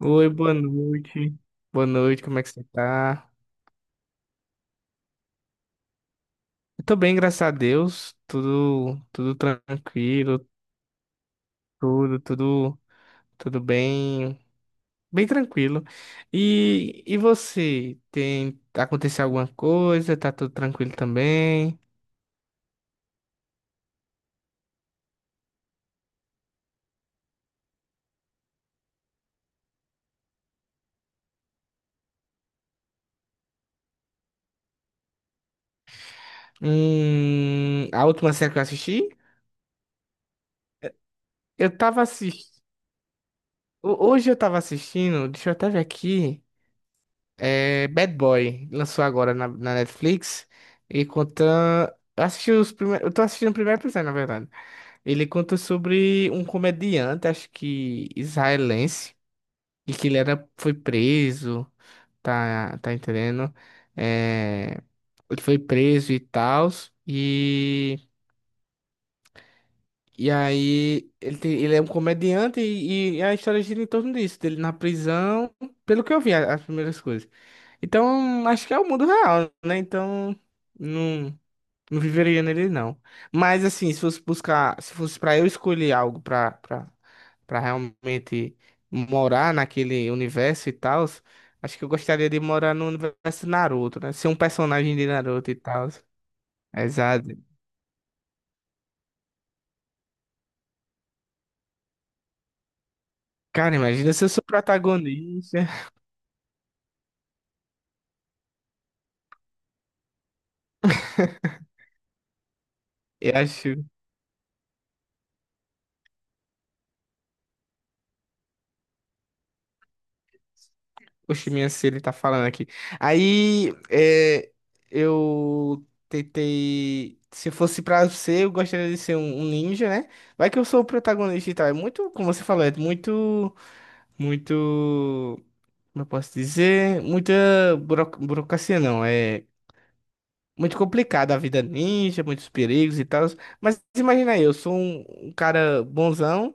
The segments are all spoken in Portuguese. Oi, boa noite. Boa noite, como é que você tá? Eu tô bem, graças a Deus. Tudo tranquilo, tudo, tudo, tudo bem, bem tranquilo. E você, tem aconteceu alguma coisa? Tá tudo tranquilo também? A última série que eu assisti, eu tava assistindo, hoje eu tava assistindo, deixa eu até ver aqui. É Bad Boy, lançou agora na Netflix e conta. Eu assisti os primeiros. Eu tô assistindo o primeiro episódio, na verdade. Ele conta sobre um comediante, acho que israelense, e foi preso, tá, tá entendendo? É, ele foi preso e tal. E E aí, ele é um comediante e a história gira em torno disso, dele na prisão, pelo que eu vi, as primeiras coisas. Então, acho que é o mundo real, né? Então, não, não viveria nele, não. Mas, assim, se fosse buscar, se fosse pra eu escolher algo pra realmente morar naquele universo e tal, acho que eu gostaria de morar no universo Naruto, né? Ser um personagem de Naruto e tal. Exato. Cara, imagina se eu sou protagonista. Eu acho. Oxe, minha se ele tá falando aqui. Aí, é, eu tentei. Se fosse pra ser, eu gostaria de ser um ninja, né? Vai que eu sou o protagonista e tal. É muito, como você falou, é muito, muito. Como eu posso dizer? Muita burocracia, não. É muito complicado a vida ninja, muitos perigos e tal. Mas imagina aí, eu sou um cara bonzão,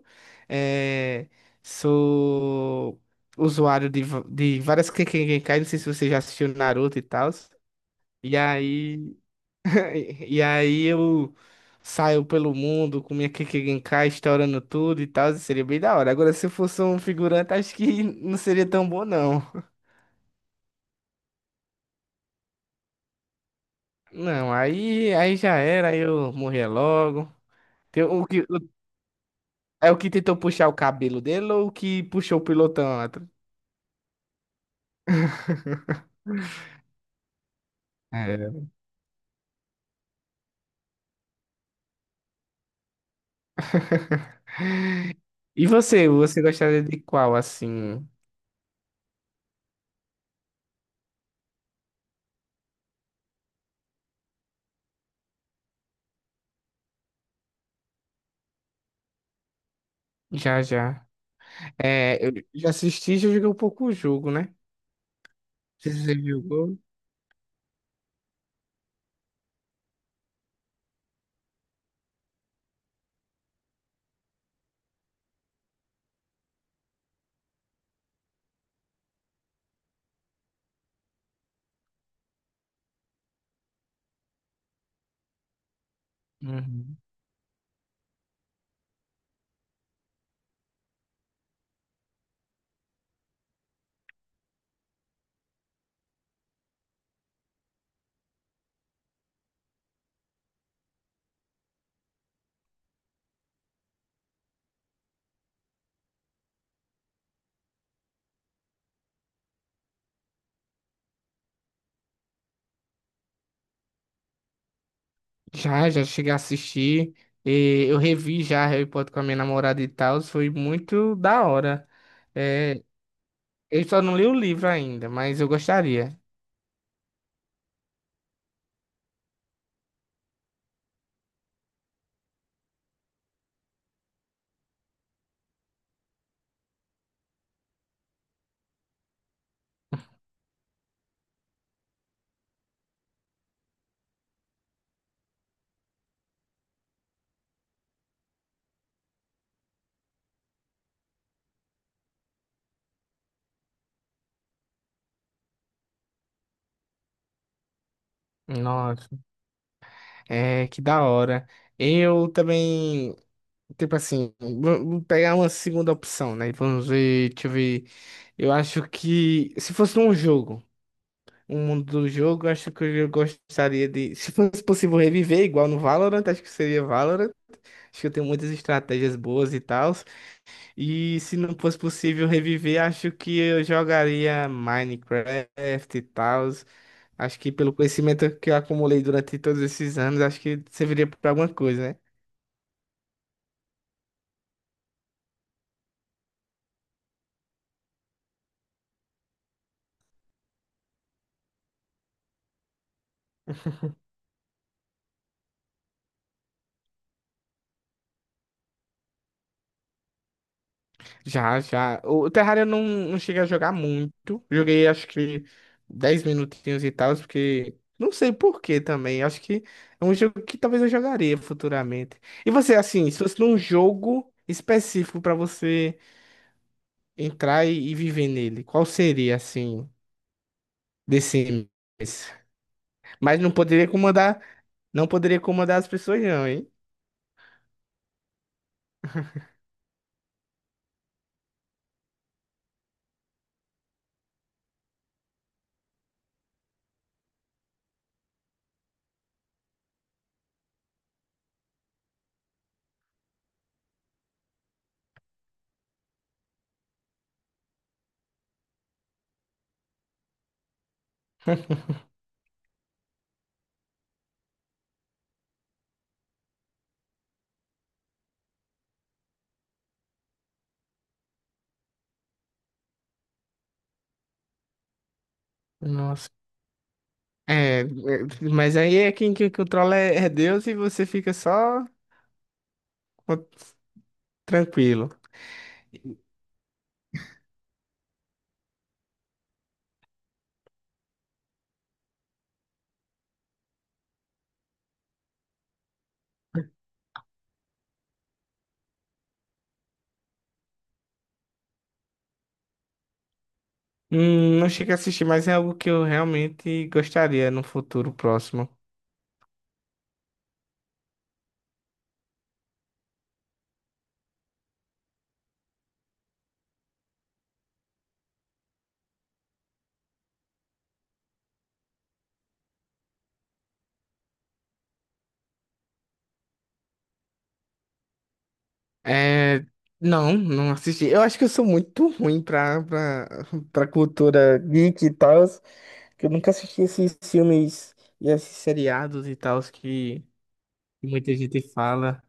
é, sou usuário de várias Kekkei, não sei se você já assistiu Naruto e tal. E aí, e aí eu saio pelo mundo com minha Kekkei, estourando tudo e tal, seria bem da hora. Agora, se eu fosse um figurante, acho que não seria tão bom, não. Não, aí, aí já era, aí eu morria logo. Tem o que, É o que tentou puxar o cabelo dele ou o que puxou o pilotão atrás? É. E você, você gostaria de qual, assim? Já, já. É, eu já assisti, e já joguei um pouco o jogo, né? Você já jogou? Uhum. Já, já cheguei a assistir. E eu revi já Harry Potter com a minha namorada e tal. Foi muito da hora. É, eu só não li o livro ainda, mas eu gostaria. Nossa, é que da hora. Eu também. Tipo assim, vamos pegar uma segunda opção, né? Vamos ver, deixa eu ver. Eu acho que se fosse um jogo, um mundo do jogo, eu acho que eu gostaria de. Se fosse possível reviver, igual no Valorant, acho que seria Valorant. Acho que eu tenho muitas estratégias boas e tal. E se não fosse possível reviver, acho que eu jogaria Minecraft e tal. Acho que pelo conhecimento que eu acumulei durante todos esses anos, acho que serviria para alguma coisa, né? Já, já. O Terraria eu não, não cheguei a jogar muito. Joguei acho que 10 minutinhos e tal, porque não sei por que também. Acho que é um jogo que talvez eu jogaria futuramente. E você, assim, se fosse num jogo específico pra você entrar e viver nele, qual seria, assim, desse mês? Mas não poderia comandar, não poderia comandar as pessoas, não, hein? Nossa. É, é, mas aí é quem, quem controla é Deus e você fica só co- tranquilo. Não cheguei a assistir, mas é algo que eu realmente gostaria no futuro próximo. É. Não, não assisti. Eu acho que eu sou muito ruim pra cultura geek e tal, que eu nunca assisti esses filmes e esses seriados e tal que muita gente fala.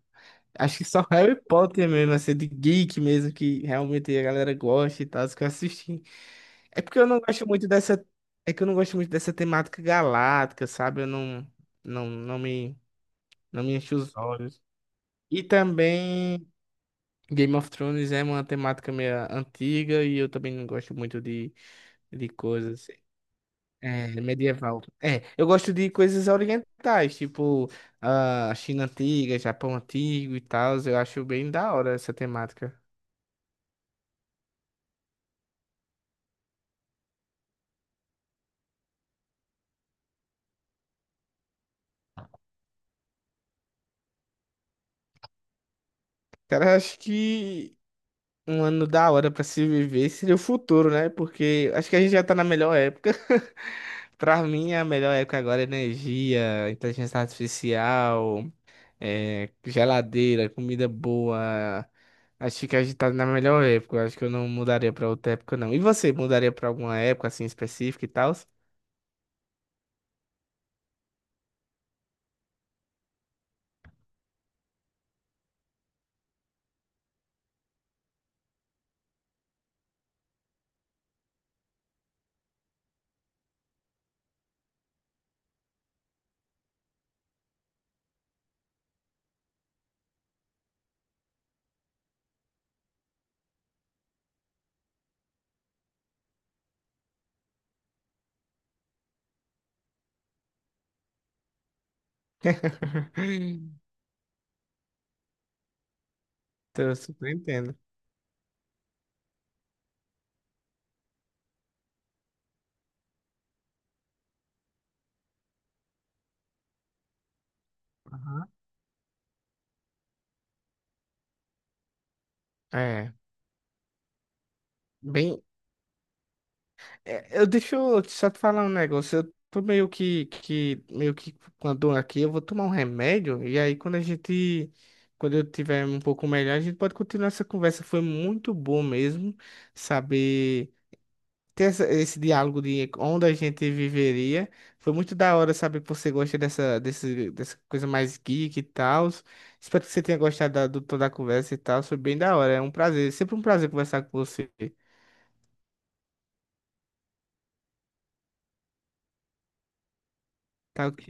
Acho que só Harry Potter mesmo, assim, de geek mesmo, que realmente a galera gosta e tal, que eu assisti. É porque eu não gosto muito dessa. É que eu não gosto muito dessa temática galáctica, sabe? Eu não, não, não me. Não me enche os olhos. E também Game of Thrones é uma temática meio antiga e eu também não gosto muito de coisas é, medieval. É, eu gosto de coisas orientais, tipo a China antiga, Japão antigo e tal. Eu acho bem da hora essa temática. Cara, eu acho que um ano da hora pra se viver seria o futuro, né? Porque acho que a gente já tá na melhor época. Pra mim, a melhor época agora é energia, inteligência artificial. É, geladeira, comida boa. Acho que fica agitado na melhor época. Eu acho que eu não mudaria pra outra época, não. E você mudaria pra alguma época assim específica e tal? Então, eu super entendo. Aham. É, bem, é, eu deixa eu só te falar um negócio. Eu tô meio que meio que com a dor aqui, eu vou tomar um remédio e aí quando a gente quando eu tiver um pouco melhor, a gente pode continuar essa conversa. Foi muito bom mesmo saber ter esse diálogo de onde a gente viveria. Foi muito da hora saber que você gosta dessa coisa mais geek e tal. Espero que você tenha gostado toda a conversa e tal. Foi bem da hora. É um prazer, sempre um prazer conversar com você. Tá ok.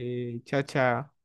Tchau, tchau.